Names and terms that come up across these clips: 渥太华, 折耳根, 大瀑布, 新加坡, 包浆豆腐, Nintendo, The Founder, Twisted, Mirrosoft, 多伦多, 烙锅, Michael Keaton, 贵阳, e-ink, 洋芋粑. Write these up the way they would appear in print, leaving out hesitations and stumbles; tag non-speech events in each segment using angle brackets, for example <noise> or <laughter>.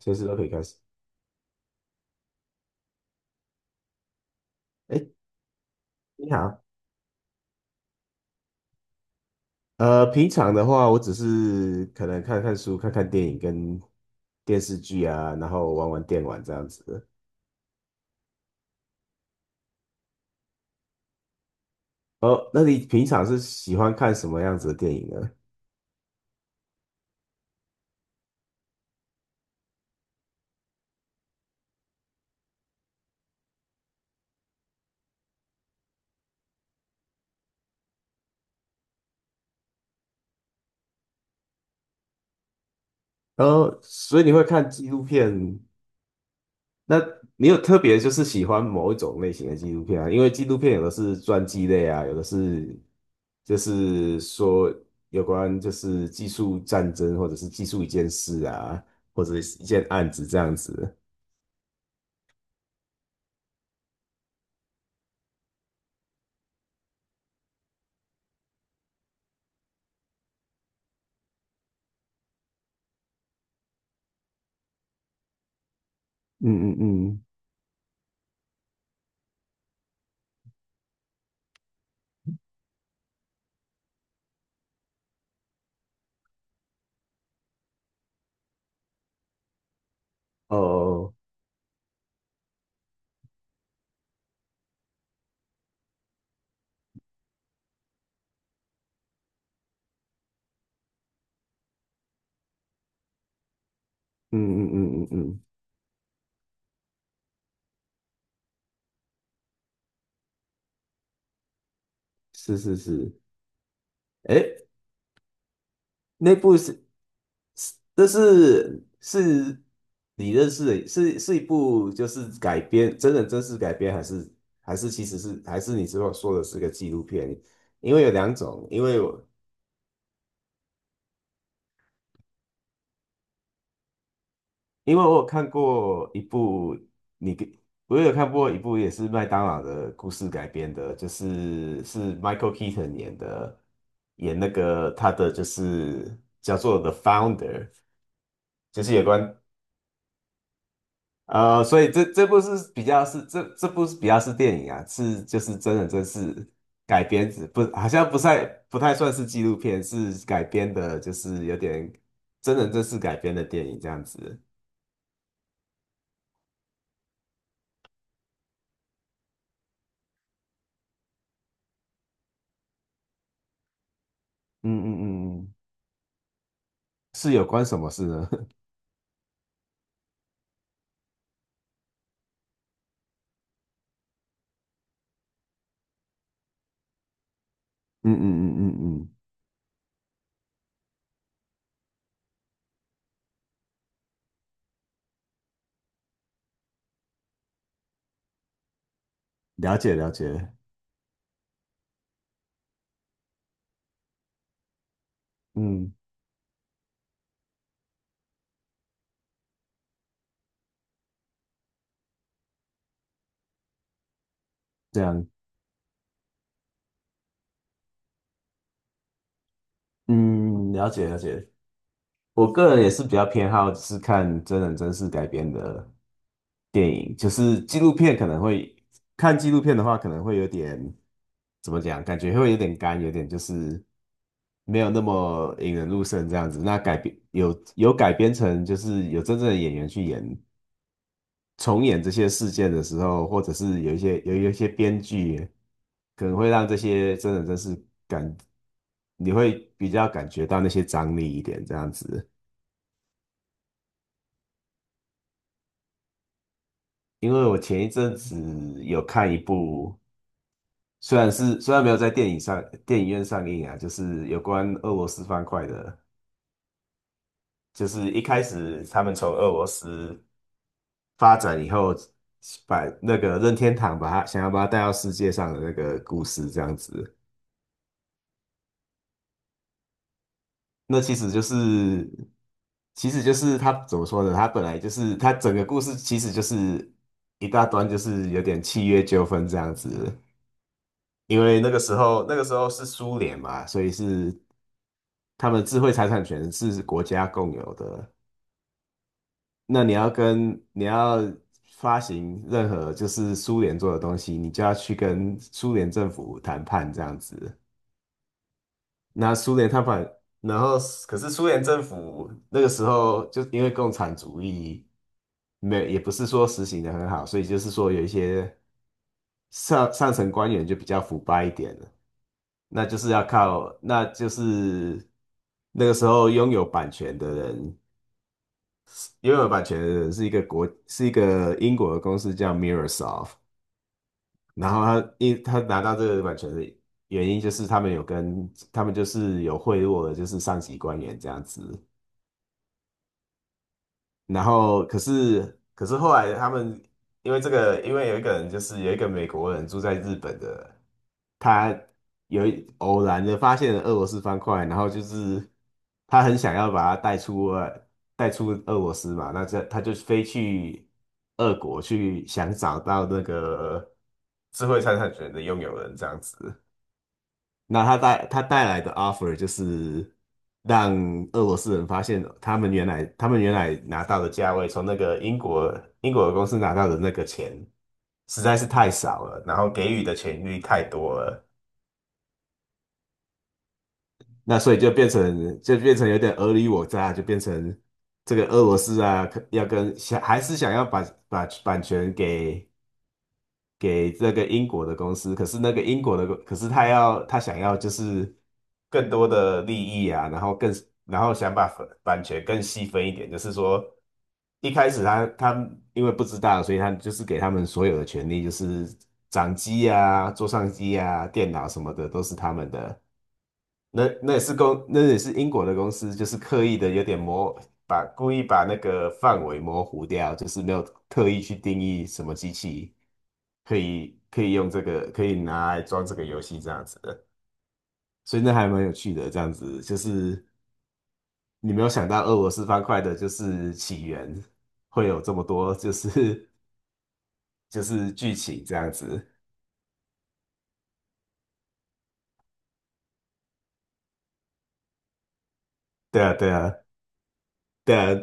随时都可以开始。哎，你好，平常的话，我只是可能看看书、看看电影跟电视剧啊，然后玩玩电玩这样子的。哦，那你平常是喜欢看什么样子的电影呢？哦，所以你会看纪录片？那你有特别就是喜欢某一种类型的纪录片啊？因为纪录片有的是传记类啊，有的是就是说有关就是技术战争或者是技术一件事啊，或者是一件案子这样子。嗯嗯嗯，哦，嗯嗯嗯嗯嗯，是是是，哎，那部是是，这是是你认识的，是一部就是改编真人真事改编，还是其实是还是你之后说的是个纪录片？因为有两种，因为我有看过一部，你给我有看过一部也是麦当劳的故事改编的，就是是 Michael Keaton 演的，演那个他的就是叫做《The Founder》，就是有关所以这部是比较是这部是比较是电影啊，是就是真人真事改编子，不好像不太不太算是纪录片，是改编的，就是有点真人真事改编的电影这样子。嗯嗯嗯嗯，是有关什么事呢？<laughs> 嗯嗯嗯嗯嗯，嗯了解了解，嗯，这样，嗯，了解了解。我个人也是比较偏好是看真人真事改编的电影，就是纪录片可能会看纪录片的话，可能会有点怎么讲，感觉会有点干，有点就是没有那么引人入胜这样子。那改编有改编成就是有真正的演员去演重演这些事件的时候，或者是有一些有一些编剧。可能会让这些真人真是感，你会比较感觉到那些张力一点这样子。因为我前一阵子有看一部，虽然没有在电影电影院上映啊，就是有关俄罗斯方块的，就是一开始他们从俄罗斯发展以后，把那个任天堂把它想要把它带到世界上的那个故事这样子。那其实就是，其实就是他怎么说呢？他本来就是他整个故事其实就是一大段，就是有点契约纠纷这样子。因为那个时候，那个时候是苏联嘛，所以是他们智慧财产权是国家共有的。那你要跟你要发行任何就是苏联做的东西，你就要去跟苏联政府谈判这样子。那苏联他把，然后可是苏联政府那个时候就因为共产主义没有也不是说实行的很好，所以就是说有一些上层官员就比较腐败一点了，那就是那个时候拥有版权的人，拥有版权的人是一个国，是一个英国的公司叫 MIRROSOFT 然后他拿到这个版权的原因就是他们就是有贿赂的，就是上级官员这样子。然后可是后来他们因为这个，因为有一个人就是有一个美国人住在日本的，他有一偶然的发现了俄罗斯方块，然后就是他很想要把它带出俄带出俄罗斯嘛，那这他就飞去俄国去想找到那个智慧财产权的拥有人这样子。那他带来的 offer 就是让俄罗斯人发现，他们原来拿到的价位，从那个英国英国的公司拿到的那个钱实在是太少了，然后给予的权利太多了，那所以就变成有点尔虞我诈，就变成这个俄罗斯啊，可要跟想还是想要把把版权给给这个英国的公司，可是那个英国的公，可是他想要就是更多的利益啊，然后更然后想把分版权更细分一点，就是说一开始他因为不知道，所以他就是给他们所有的权利，就是掌机啊、桌上机啊、电脑什么的都是他们的。那也是英国的公司，就是刻意的有点模，把故意把那个范围模糊掉，就是没有特意去定义什么机器。可以用这个，可以拿来装这个游戏这样子的，所以那还蛮有趣的。这样子就是你没有想到俄罗斯方块的就是起源会有这么多，就是 <laughs> 就是剧情这样子。对啊，对啊，对啊，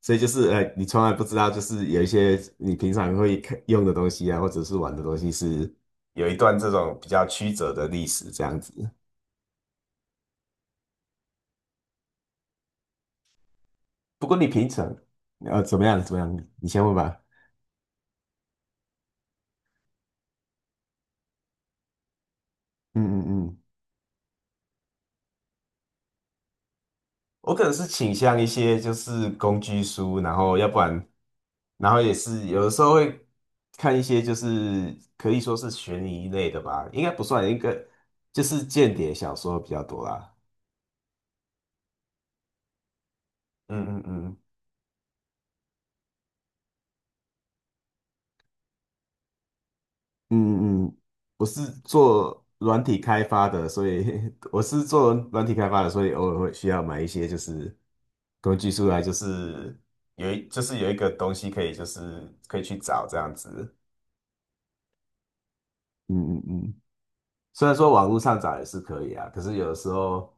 所以就是你从来不知道，就是有一些你平常会看用的东西啊，或者是玩的东西是有一段这种比较曲折的历史这样子。不过你平常怎么样怎么样，你先问吧。嗯嗯嗯我可能是倾向一些就是工具书，然后要不然，然后也是有的时候会看一些就是可以说是悬疑类的吧，应该不算，一个，就是间谍小说比较多啦。嗯嗯嗯嗯嗯，我是做软体开发的，所以 <laughs> 我是做软体开发的，所以偶尔会需要买一些就是工具书来，就是有一个东西可以就是可以去找这样子。嗯嗯嗯。虽然说网络上找也是可以啊，可是有的时候，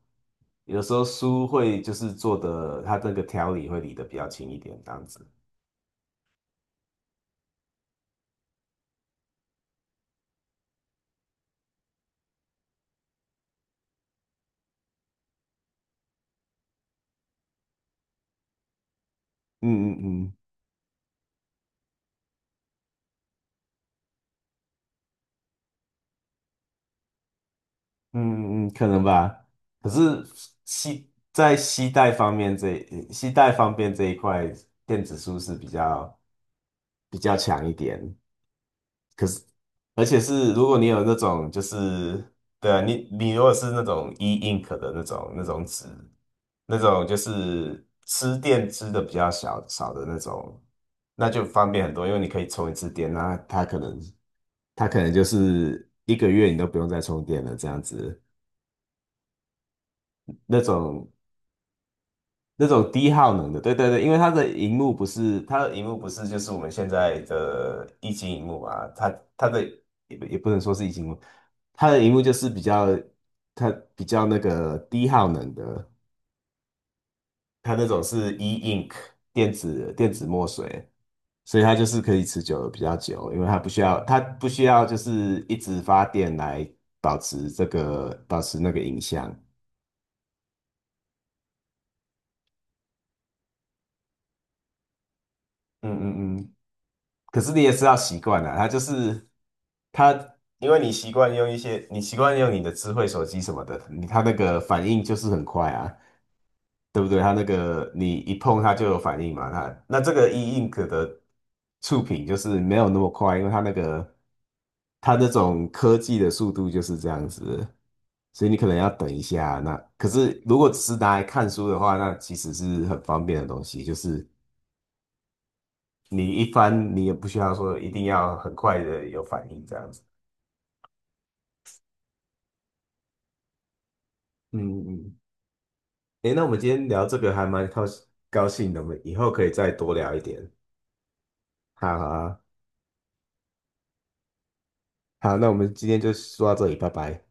有的时候书会就是做的，它那个条理会理得比较轻一点，这样子。嗯嗯嗯嗯嗯，嗯，可能吧。可是携在携带方面这一块，电子书是比较比较强一点。可是。而且是如果你有那种就是对啊，你如果是那种 e-ink 的那种纸，那种就是吃电吃的比较小少的那种，那就方便很多，因为你可以充一次电，那它可能它可能就是1个月你都不用再充电了这样子。那种那种低耗能的，对对对，因为它的荧幕不是就是我们现在的一级荧幕嘛，它它的也不也不能说是一级荧幕，它的荧幕就是比较它比较那个低耗能的，它那种是 e-ink 电子电子墨水，所以它就是可以持久比较久，因为它不需要就是一直发电来保持那个影像。嗯嗯嗯，可是你也是要习惯了，它就是它，因为你习惯用一些，你习惯用你的智慧手机什么的，你它那个反应就是很快啊，对不对？它那个你一碰它就有反应嘛，它那这个 e-ink 的触屏就是没有那么快，因为它那种科技的速度就是这样子，所以你可能要等一下。那可是如果只是拿来看书的话，那其实是很方便的东西，就是。你一翻，你也不需要说一定要很快的有反应这样子。嗯嗯，诶，那我们今天聊这个还蛮高兴的，我们以后可以再多聊一点。好啊好啊好，那我们今天就说到这里，拜拜。